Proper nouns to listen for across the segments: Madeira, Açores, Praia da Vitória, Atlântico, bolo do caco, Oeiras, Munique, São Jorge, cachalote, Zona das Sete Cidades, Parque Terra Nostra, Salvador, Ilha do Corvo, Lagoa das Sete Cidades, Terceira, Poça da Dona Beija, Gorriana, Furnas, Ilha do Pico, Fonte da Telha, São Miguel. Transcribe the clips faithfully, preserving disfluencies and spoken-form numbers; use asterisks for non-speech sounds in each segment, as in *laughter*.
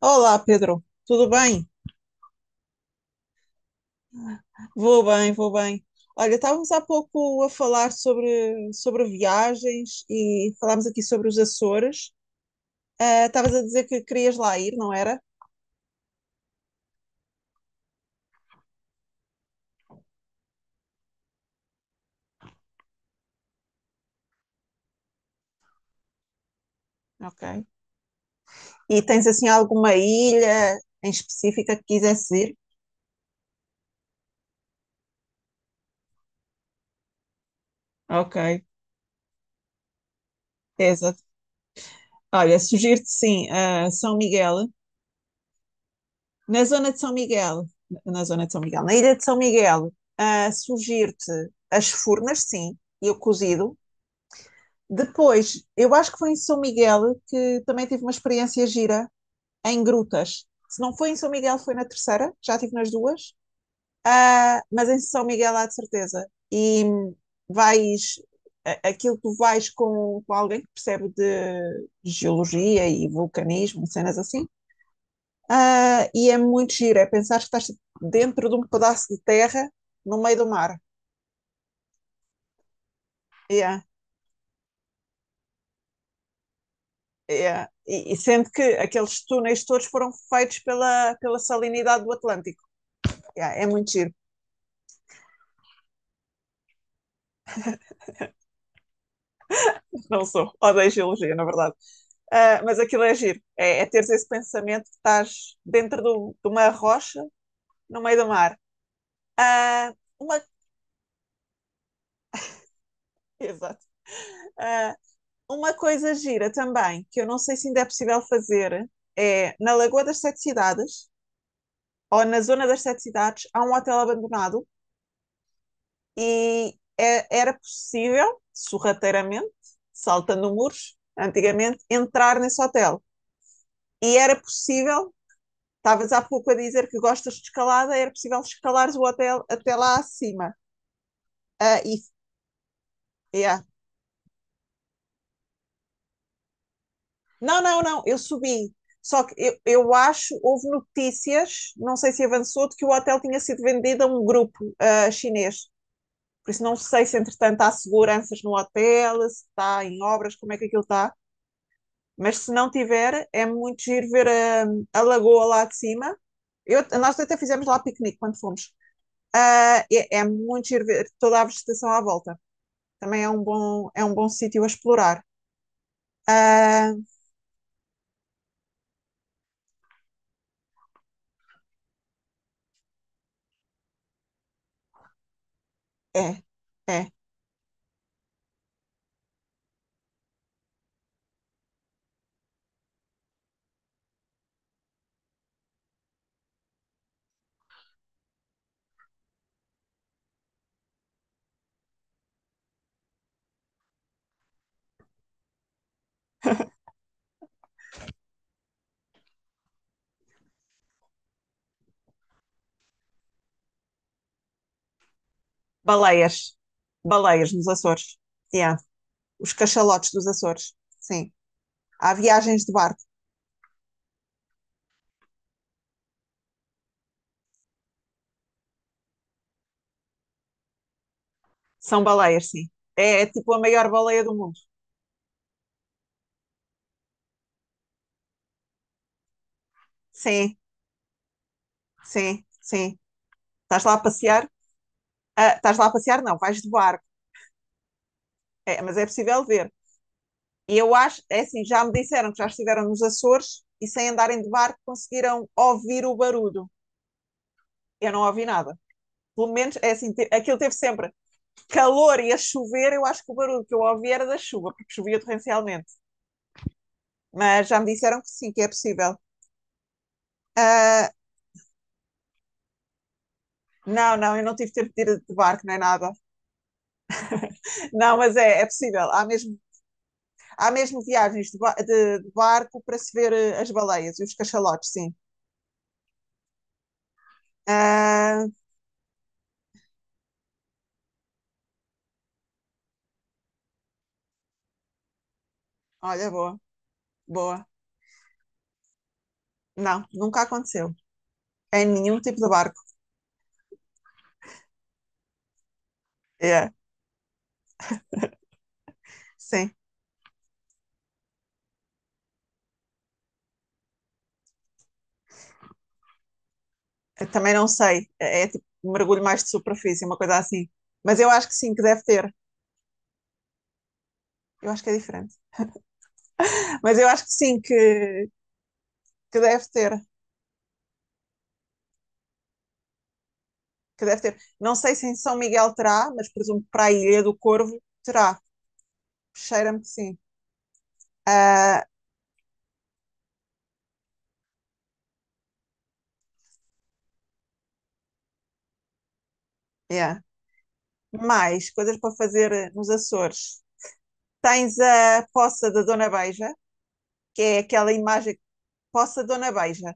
Olá, Pedro. Tudo bem? Vou bem, vou bem. Olha, estávamos há pouco a falar sobre, sobre viagens e falámos aqui sobre os Açores. Ah, Estavas a dizer que querias lá ir, não era? Ok. E tens assim alguma ilha em específica que quisesse ir? Ok, exato. Olha, sugiro-te sim, ah, São Miguel. Na zona de São Miguel, na zona de São Miguel, Na ilha de São Miguel, ah, sugiro-te as Furnas, sim, e o cozido. Depois, eu acho que foi em São Miguel que também tive uma experiência gira em grutas. Se não foi em São Miguel, foi na terceira, já tive nas duas. Ah, mas em São Miguel há de certeza. E vais, a- Aquilo tu vais com, com alguém que percebe de geologia e vulcanismo, e cenas assim. Ah, e é muito giro, é pensar que estás dentro de um pedaço de terra no meio do mar. Yeah. É, e, e sendo que aqueles túneis todos foram feitos pela, pela salinidade do Atlântico. É, é muito giro. *laughs* Não sou. Odeio geologia, na verdade. Ah, mas aquilo é giro. É, é teres esse pensamento que estás dentro do, de uma rocha no meio do mar. Ah, uma, Exato. Ah, uma coisa gira também, que eu não sei se ainda é possível fazer, é na Lagoa das Sete Cidades, ou na Zona das Sete Cidades. Há um hotel abandonado e é, era possível, sorrateiramente, saltando muros, antigamente, entrar nesse hotel. E era possível, estavas há pouco a dizer que gostas de escalada, era possível escalares o hotel até lá acima. Uh, e, yeah. Não, não, não, eu subi. Só que eu, eu acho, houve notícias, não sei se avançou, de que o hotel tinha sido vendido a um grupo uh, chinês. Por isso não sei se, entretanto, há seguranças no hotel, se está em obras, como é que aquilo está. Mas se não tiver, é muito giro ver a, a lagoa lá de cima. Eu- nós até fizemos lá piquenique quando fomos. Ah, é, é muito giro ver toda a vegetação à volta. Também é um bom, é um bom sítio a explorar. Ah, É, é. Baleias. Baleias nos Açores. Yeah. Os cachalotes dos Açores. Sim. Há viagens de barco. São baleias, sim. É, é tipo a maior baleia do mundo. Sim, sim, sim. Estás lá a passear? Ah, estás lá a passear? Não, vais de barco. É, mas é possível ver. E eu acho, é assim, já me disseram que já estiveram nos Açores e sem andarem de barco conseguiram ouvir o barulho. Eu não ouvi nada. Pelo menos, é assim, te- aquilo teve sempre calor e a chover, eu acho que o barulho que eu ouvi era da chuva, porque chovia torrencialmente. Mas já me disseram que sim, que é possível. Ah, não, não, eu não tive tempo de ir de barco, não é nada. Não, mas é, é possível. Há mesmo, há mesmo viagens de, ba- de- de barco para se ver eh, as baleias e os cachalotes, sim. Ah, Olha, boa, boa. Não, nunca aconteceu. Em nenhum tipo de barco. É, sim. Eu também não sei. É, é tipo um mergulho mais de superfície, uma coisa assim. Mas eu acho que sim, que deve ter. Eu acho que é diferente. Mas eu acho que sim, que, que deve ter. Que deve ter. Não sei se em São Miguel terá, mas presumo que para a Ilha do Corvo terá. Cheira-me que sim. Ah, yeah. Mais coisas para fazer eh, nos Açores. Tens a Poça da Dona Beija, que é aquela imagem. Poça da Dona Beija.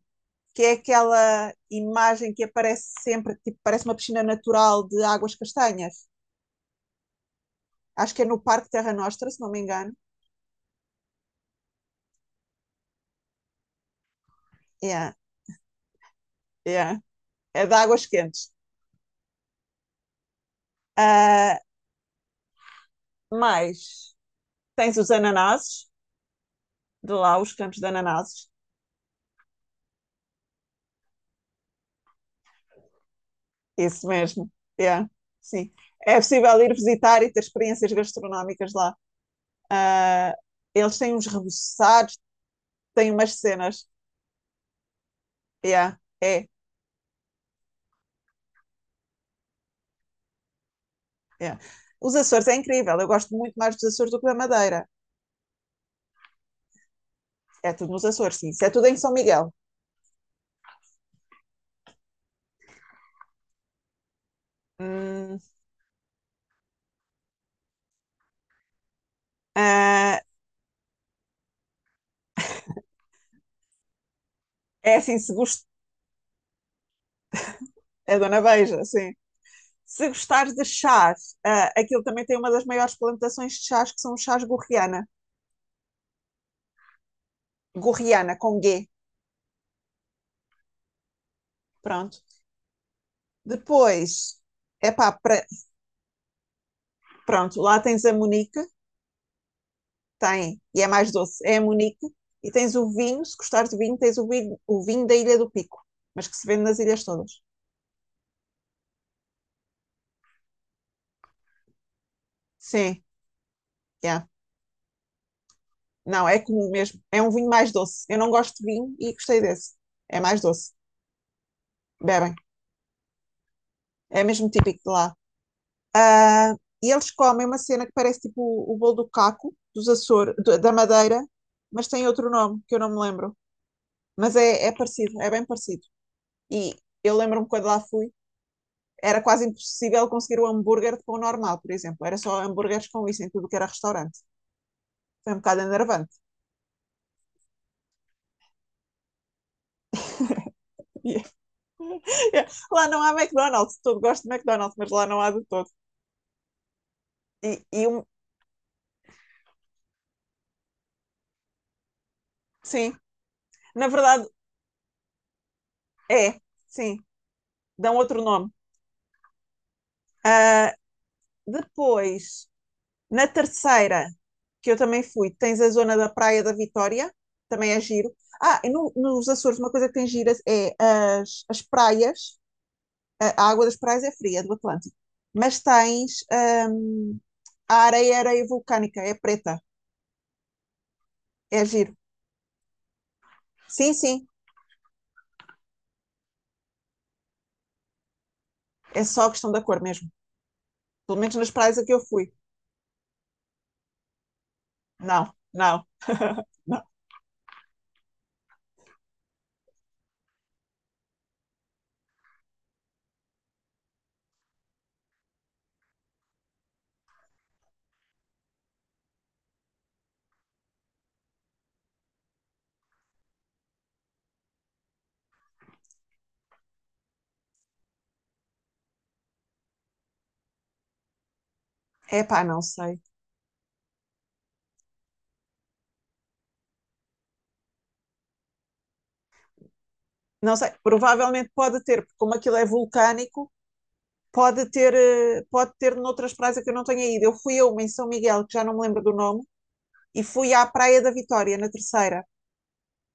que é aquela imagem que aparece sempre, tipo, parece uma piscina natural de águas castanhas. Acho que é no Parque Terra Nostra, se não me engano. É, é. É de águas quentes. Ah, mas tens os ananases, de lá, os campos de ananases. Isso mesmo. É, sim. É possível ir visitar e ter experiências gastronómicas lá. Ah, Eles têm uns reboçados, têm umas cenas. É, é, é. Os Açores é incrível. Eu gosto muito mais dos Açores do que da Madeira. É tudo nos Açores, sim. Isso é tudo em São Miguel. Hum, ah, É assim, se gost... é Dona Beija, sim. Se gostares de chás, ah, aquilo também tem uma das maiores plantações de chás, que são os chás gorriana. Gorriana, com G. Pronto. Depois, é pá, pra... pronto, lá tens a Munique. Tem, e é mais doce, é a Munique. E tens o vinho, se gostares de vinho, tens o vinho, o vinho da Ilha do Pico, mas que se vende nas ilhas todas. Sim, yeah. Não, é comum mesmo. É um vinho mais doce. Eu não gosto de vinho e gostei desse. É mais doce. Bebem. É mesmo típico de lá. Ah, e eles comem uma cena que parece tipo o, o bolo do caco, dos Açores, do- da Madeira, mas tem outro nome que eu não me lembro. Mas é, é parecido, é bem parecido. E eu lembro-me quando lá fui, era quase impossível conseguir o hambúrguer de pão normal, por exemplo. Era só hambúrgueres com isso em tudo que era restaurante. Foi um bocado enervante. *laughs* E- Lá não há McDonald's, todo gosto de McDonald's, mas lá não há de todo. E, e uma Sim, na verdade é, sim, dão outro nome. Ah, Depois, na terceira, que eu também fui, tens a zona da Praia da Vitória, também é giro. Ah, e no- nos Açores, uma coisa que tem gira é as, as praias. A a água das praias é fria, do Atlântico, mas tens ah, a areia, areia vulcânica, é preta, é giro. Sim, sim, é só questão da cor mesmo. Pelo menos nas praias a que eu fui. Não, não, não. Epá, não sei. Não sei, provavelmente pode ter, porque como aquilo é vulcânico, pode ter, eh, pode ter noutras praias que eu não tenha ido. Eu fui a uma em São Miguel, que já não me lembro do nome, e fui à Praia da Vitória, na terceira,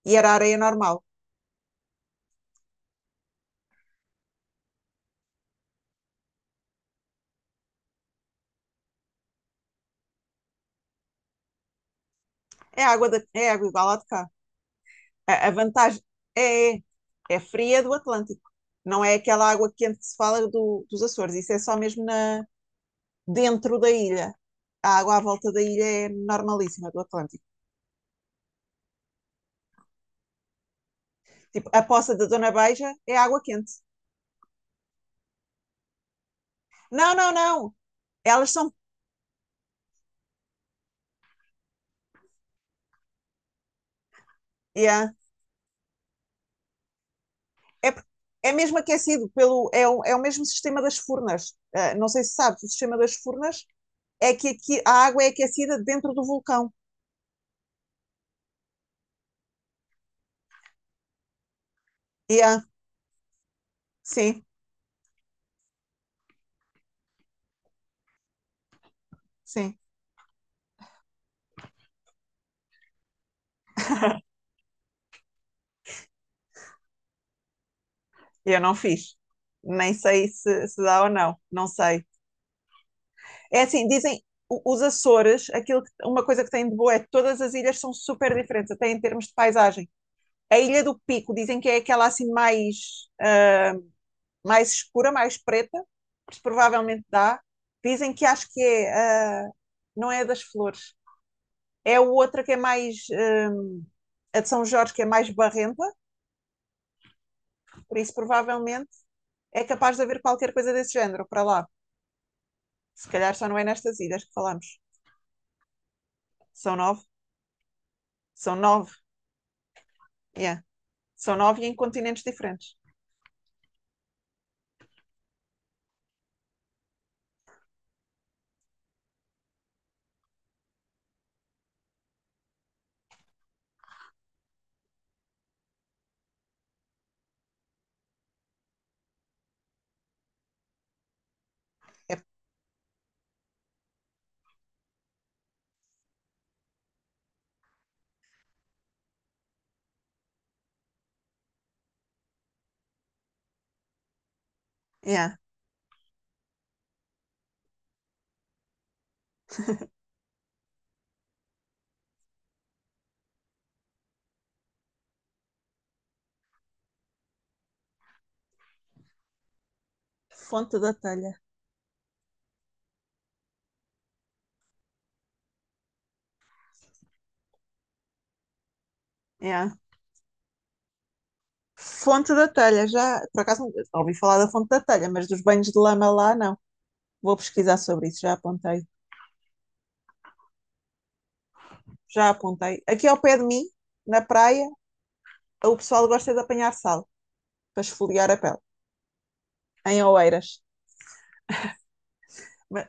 e era areia normal. É água, da, é água igual à de cá. A, a vantagem é, é, é fria do Atlântico. Não é aquela água quente que se fala do- dos Açores. Isso é só mesmo na, dentro da ilha. A água à volta da ilha é normalíssima do Atlântico. Tipo, a poça da Dona Beija é água quente. Não, não, não. Elas são Yeah. É, por- É mesmo aquecido pelo, é o, é o mesmo sistema das furnas. Ah, não sei se sabes, o sistema das furnas é que aqui a água é aquecida dentro do vulcão. Yeah. Sim, sim. Eu não fiz. Nem sei se, se dá ou não. Não sei. É assim, dizem o- os Açores, aquilo que- uma coisa que tem de boa é que todas as ilhas são super diferentes, até em termos de paisagem. A Ilha do Pico dizem que é aquela assim mais, ah, mais escura, mais preta. mas provavelmente dá. Dizem que acho que é, ah, não é a das flores. É a outra que é mais, ah, a de São Jorge, que é mais barrenta, por isso provavelmente é capaz de haver qualquer coisa desse género para lá. Se calhar só não é nestas ilhas que falamos. São nove? São nove, yeah. São nove e em continentes diferentes. É- yeah. Fonte da telha. Yeah. Fonte da telha, já. Por acaso não- ouvi falar da fonte da telha, mas dos banhos de lama lá, não. Vou pesquisar sobre isso, já apontei. já apontei. Aqui ao pé de mim, na praia, o pessoal gosta de apanhar sal para esfoliar a pele. Em Oeiras. Mas,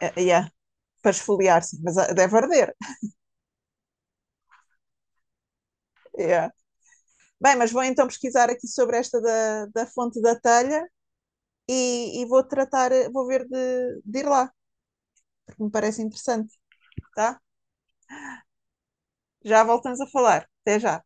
eh, yeah, para esfoliar, sim, mas ah, deve arder. Yeah. Bem, mas vou então pesquisar aqui sobre esta da, da fonte da telha e, e vou tratar, eh, vou ver de, de ir lá, porque me parece interessante, tá? Já voltamos a falar. Até já.